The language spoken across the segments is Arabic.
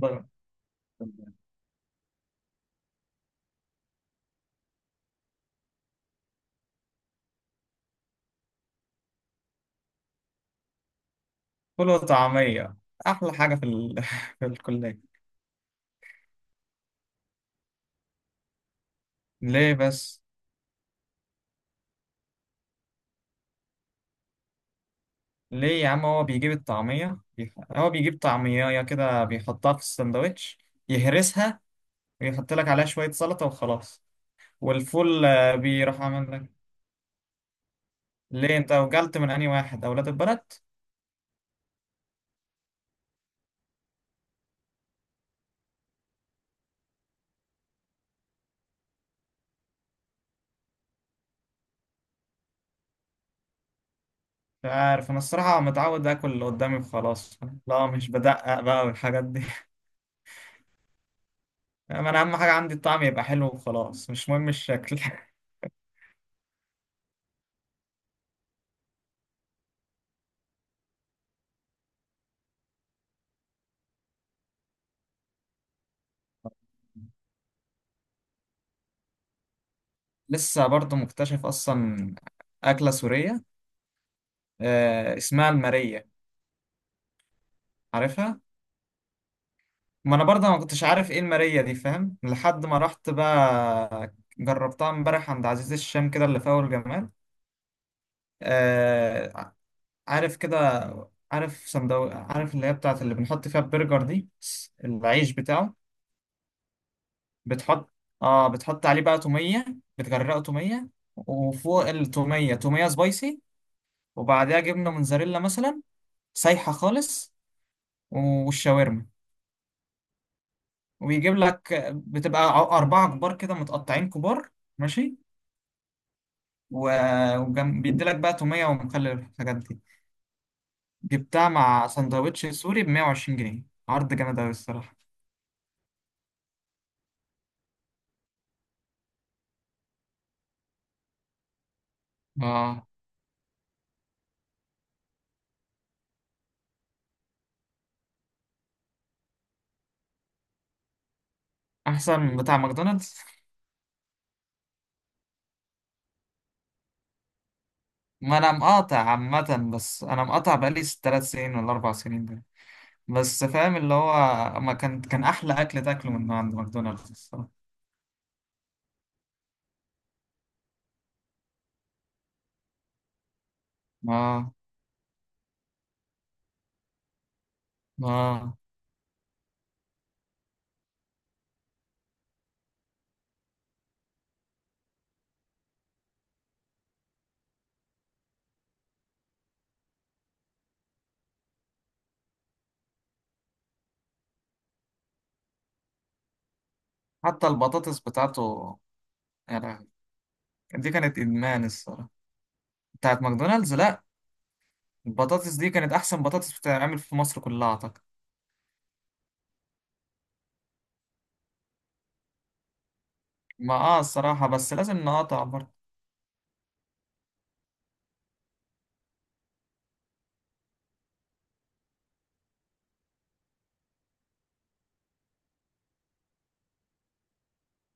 بره. فول وطعمية، أحلى حاجة في الكلية. ليه بس؟ ليه يا عم، هو بيجيب الطعمية هو بيجيب طعمية كده بيحطها في السندوتش، يهرسها ويحط لك عليها شوية سلطة وخلاص. والفول آه، بيروح عامل لك. ليه أنت وجلت من أنهي واحد أولاد البلد؟ مش عارف، أنا الصراحة متعود آكل اللي قدامي وخلاص. لا مش بدقق بقى والحاجات دي أنا أهم حاجة عندي الطعم يبقى حلو وخلاص، مش مهم الشكل لسه برضه مكتشف اصلا اكله سوريه. آه اسمها الماريه. عارفها. ما انا برضه ما كنتش عارف ايه الماريه دي، فاهم، لحد ما رحت بقى جربتها امبارح عند عزيز الشام كده اللي في اول جمال. آه. عارف كده، عارف صندوق، عارف اللي هي بتاعت اللي بنحط فيها البرجر دي، العيش بتاعه. بتحط، اه بتحط عليه بقى توميه، بتغرقه توميه، وفوق التوميه توميه سبايسي، وبعدها جبنه موتزاريلا مثلا، سايحه خالص، والشاورما. ويجيب لك، بتبقى أربعة كبار كده، متقطعين كبار. ماشي. وبيدي لك بقى تومية ومخلل والحاجات دي. جبتها مع سندوتش سوري ب 120 جنيه، عرض جامد أوي الصراحة. اه، أحسن من بتاع ماكدونالدز. ما أنا مقاطع عامة، بس أنا مقاطع بقالي تلات سنين ولا أربع سنين ده. بس فاهم اللي هو ما كان كان أحلى أكل تاكله من عند ماكدونالدز الصراحة. اه. اه. حتى البطاطس بتاعته، يعني دي كانت إدمان الصراحة، بتاعت ماكدونالدز. لا البطاطس دي كانت احسن بطاطس بتتعمل في مصر كلها اعتقد. ما اه الصراحه بس لازم نقاطع برضه.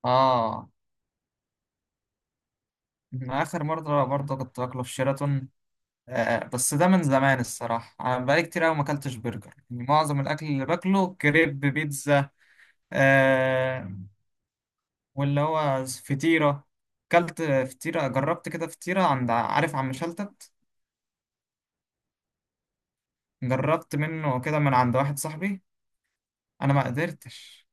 اه. انا اخر مره برضه كنت باكله في شيراتون. آه. آه، بس ده من زمان الصراحه، انا بقالي كتير قوي ما اكلتش برجر، يعني معظم الاكل اللي باكله كريب بيتزا. آه. واللي هو فطيره. اكلت فطيره، جربت كده فطيره عند عارف عم شلتت، جربت منه كده من عند واحد صاحبي. انا ما قدرتش.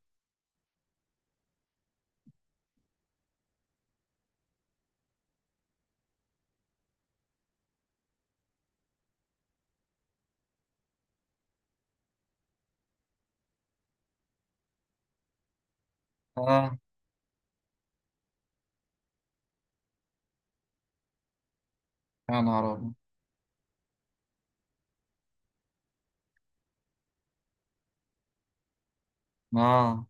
اه. يا نهار أبيض. اه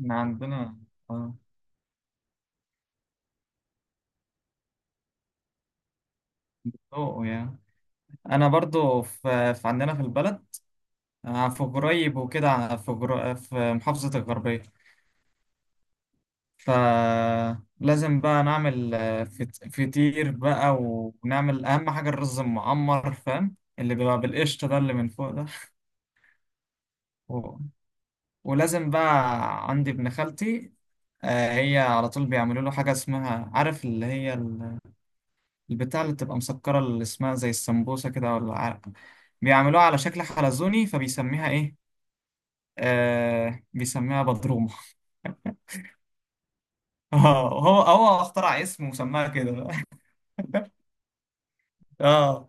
احنا عندنا. اه، ذوق يعني. انا برضو في عندنا في البلد، آه، في قريب وكده في في محافظة الغربية. فلازم بقى نعمل آه، فطير بقى، ونعمل اهم حاجة الرز المعمر، فاهم، اللي بيبقى بالقشطة ده اللي من فوق ده. و... ولازم بقى عندي ابن خالتي، آه، هي على طول بيعملوا له حاجة اسمها، عارف اللي هي البتاع اللي بتبقى مسكرة اللي اسمها زي السمبوسة كده ولا عرق، بيعملوها على شكل حلزوني فبيسميها ايه، آه بيسميها بدرومة اه هو اخترع اسم وسماها كده بقى. اه.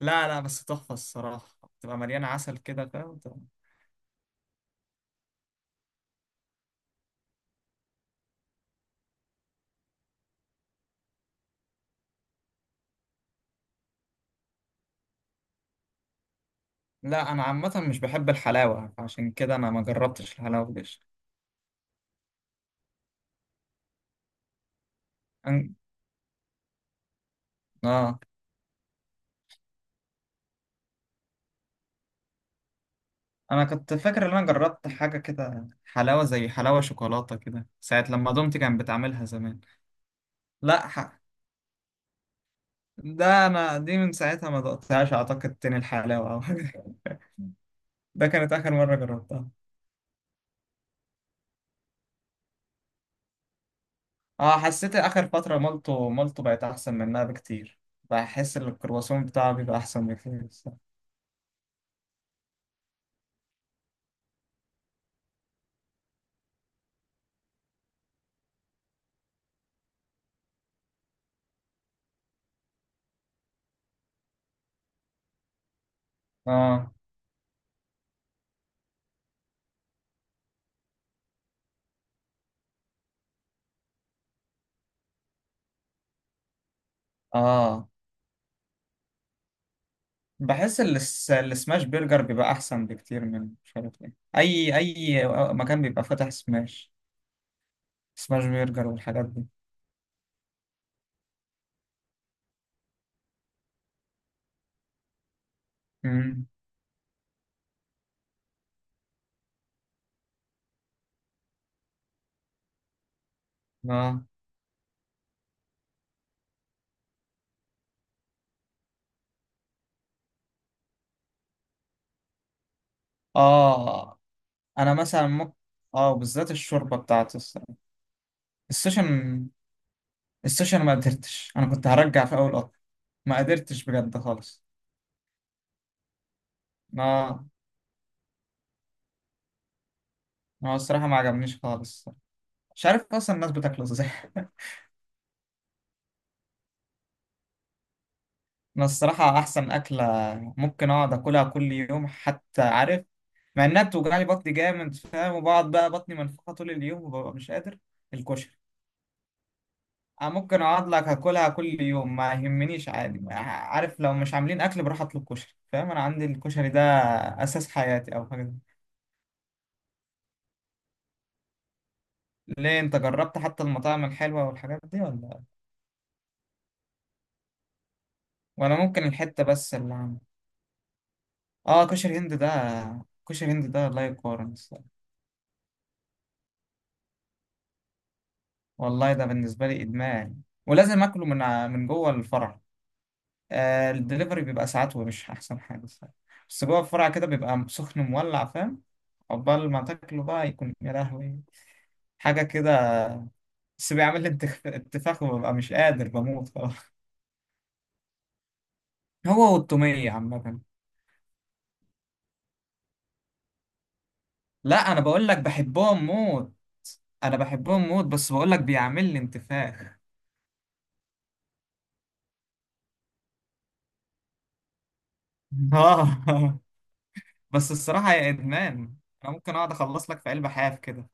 لا لا بس تحفة الصراحة، بتبقى مليانة عسل كده فاهم. لا انا عامة مش بحب الحلاوة، عشان كده انا ما جربتش الحلاوة دي. أن... اه انا كنت فاكر ان انا جربت حاجة كده حلاوة، زي حلاوة شوكولاتة كده، ساعة لما دومتي كانت بتعملها زمان. لا ده انا دي من ساعتها ما دقتهاش اعتقد تاني الحلاوه او حاجه. ده كانت اخر مره جربتها. اه حسيت اخر فتره مالتو بقت احسن منها بكتير. بحس ان الكرواسون بتاعه بيبقى احسن بكتير الصراحة. اه. اه بحس السماش برجر بيبقى احسن بكتير من مش عارف ايه اي مكان بيبقى فاتح سماش، سماش برجر والحاجات دي. امم. اه. اه انا مثلا ممكن، اه بالذات الشوربه بتاعته الصراحة. السوشن، السوشيال ما قدرتش، انا كنت هرجع في اول قطر، ما قدرتش بجد خالص. ما، ما هو الصراحه ما عجبنيش خالص، مش عارف اصلا الناس بتاكله ازاي انا الصراحه احسن اكله ممكن اقعد اكلها كل يوم حتى، عارف، مع انها بتوجعلي بطني جامد فاهم وبقعد بقى بطني منفوخه طول اليوم وببقى مش قادر، الكشري. أنا ممكن اقعد لك اكلها كل يوم ما يهمنيش عادي، عارف، لو مش عاملين اكل بروح اطلب كشري فاهم، انا عندي الكشري ده اساس حياتي او حاجه. ليه انت جربت حتى المطاعم الحلوة والحاجات دي ولا، ولا ممكن الحتة بس اللي عندك؟ اه كشري هند ده، كشري هند ده لا يقارن الصراحة. والله ده بالنسبة لي إدمان، ولازم آكله من جوه الفرع. آه الدليفري بيبقى ساعات ومش أحسن حاجة الصراحة. بس جوه الفرع كده بيبقى سخن مولع فاهم، عقبال ما تاكله بقى يكون يا لهوي حاجة كده. بس بيعمل لي انتفاخ وببقى مش قادر بموت خلاص. هو والتومية عامة. لا انا بقول لك بحبهم موت، انا بحبهم موت، بس بقول لك بيعمل لي انتفاخ اه بس الصراحه يا ادمان، انا ممكن اقعد اخلص لك في قلب حاف كده.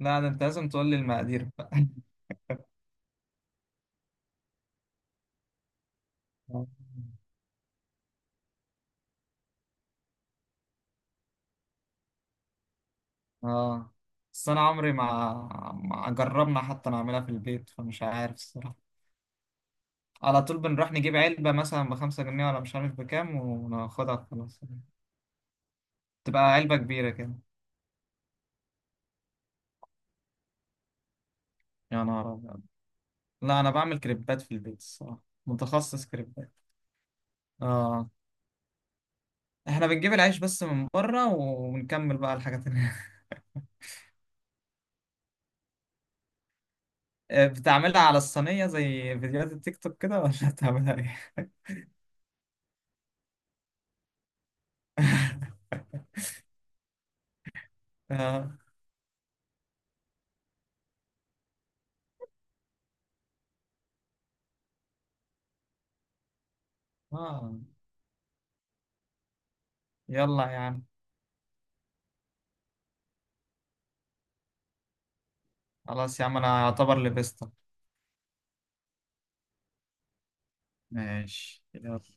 لا ده انت لازم تقول لي المقادير بقى اه بس انا عمري ما، ما جربنا حتى نعملها في البيت فمش عارف الصراحه، على طول بنروح نجيب علبه مثلا ب 5 جنيه ولا مش عارف بكام وناخدها خلاص. تبقى علبه كبيره كده. يا نهار ابيض. لا انا بعمل كريبات في البيت الصراحه، متخصص كريبات. اه احنا بنجيب العيش بس من بره ونكمل بقى الحاجات اللي آه، بتعملها على الصينية زي فيديوهات التيك توك كده، ولا بتعملها ايه؟ اه. اه. يلا يا عم. خلاص يا عم انا اعتبر لبستك. ماشي يلا.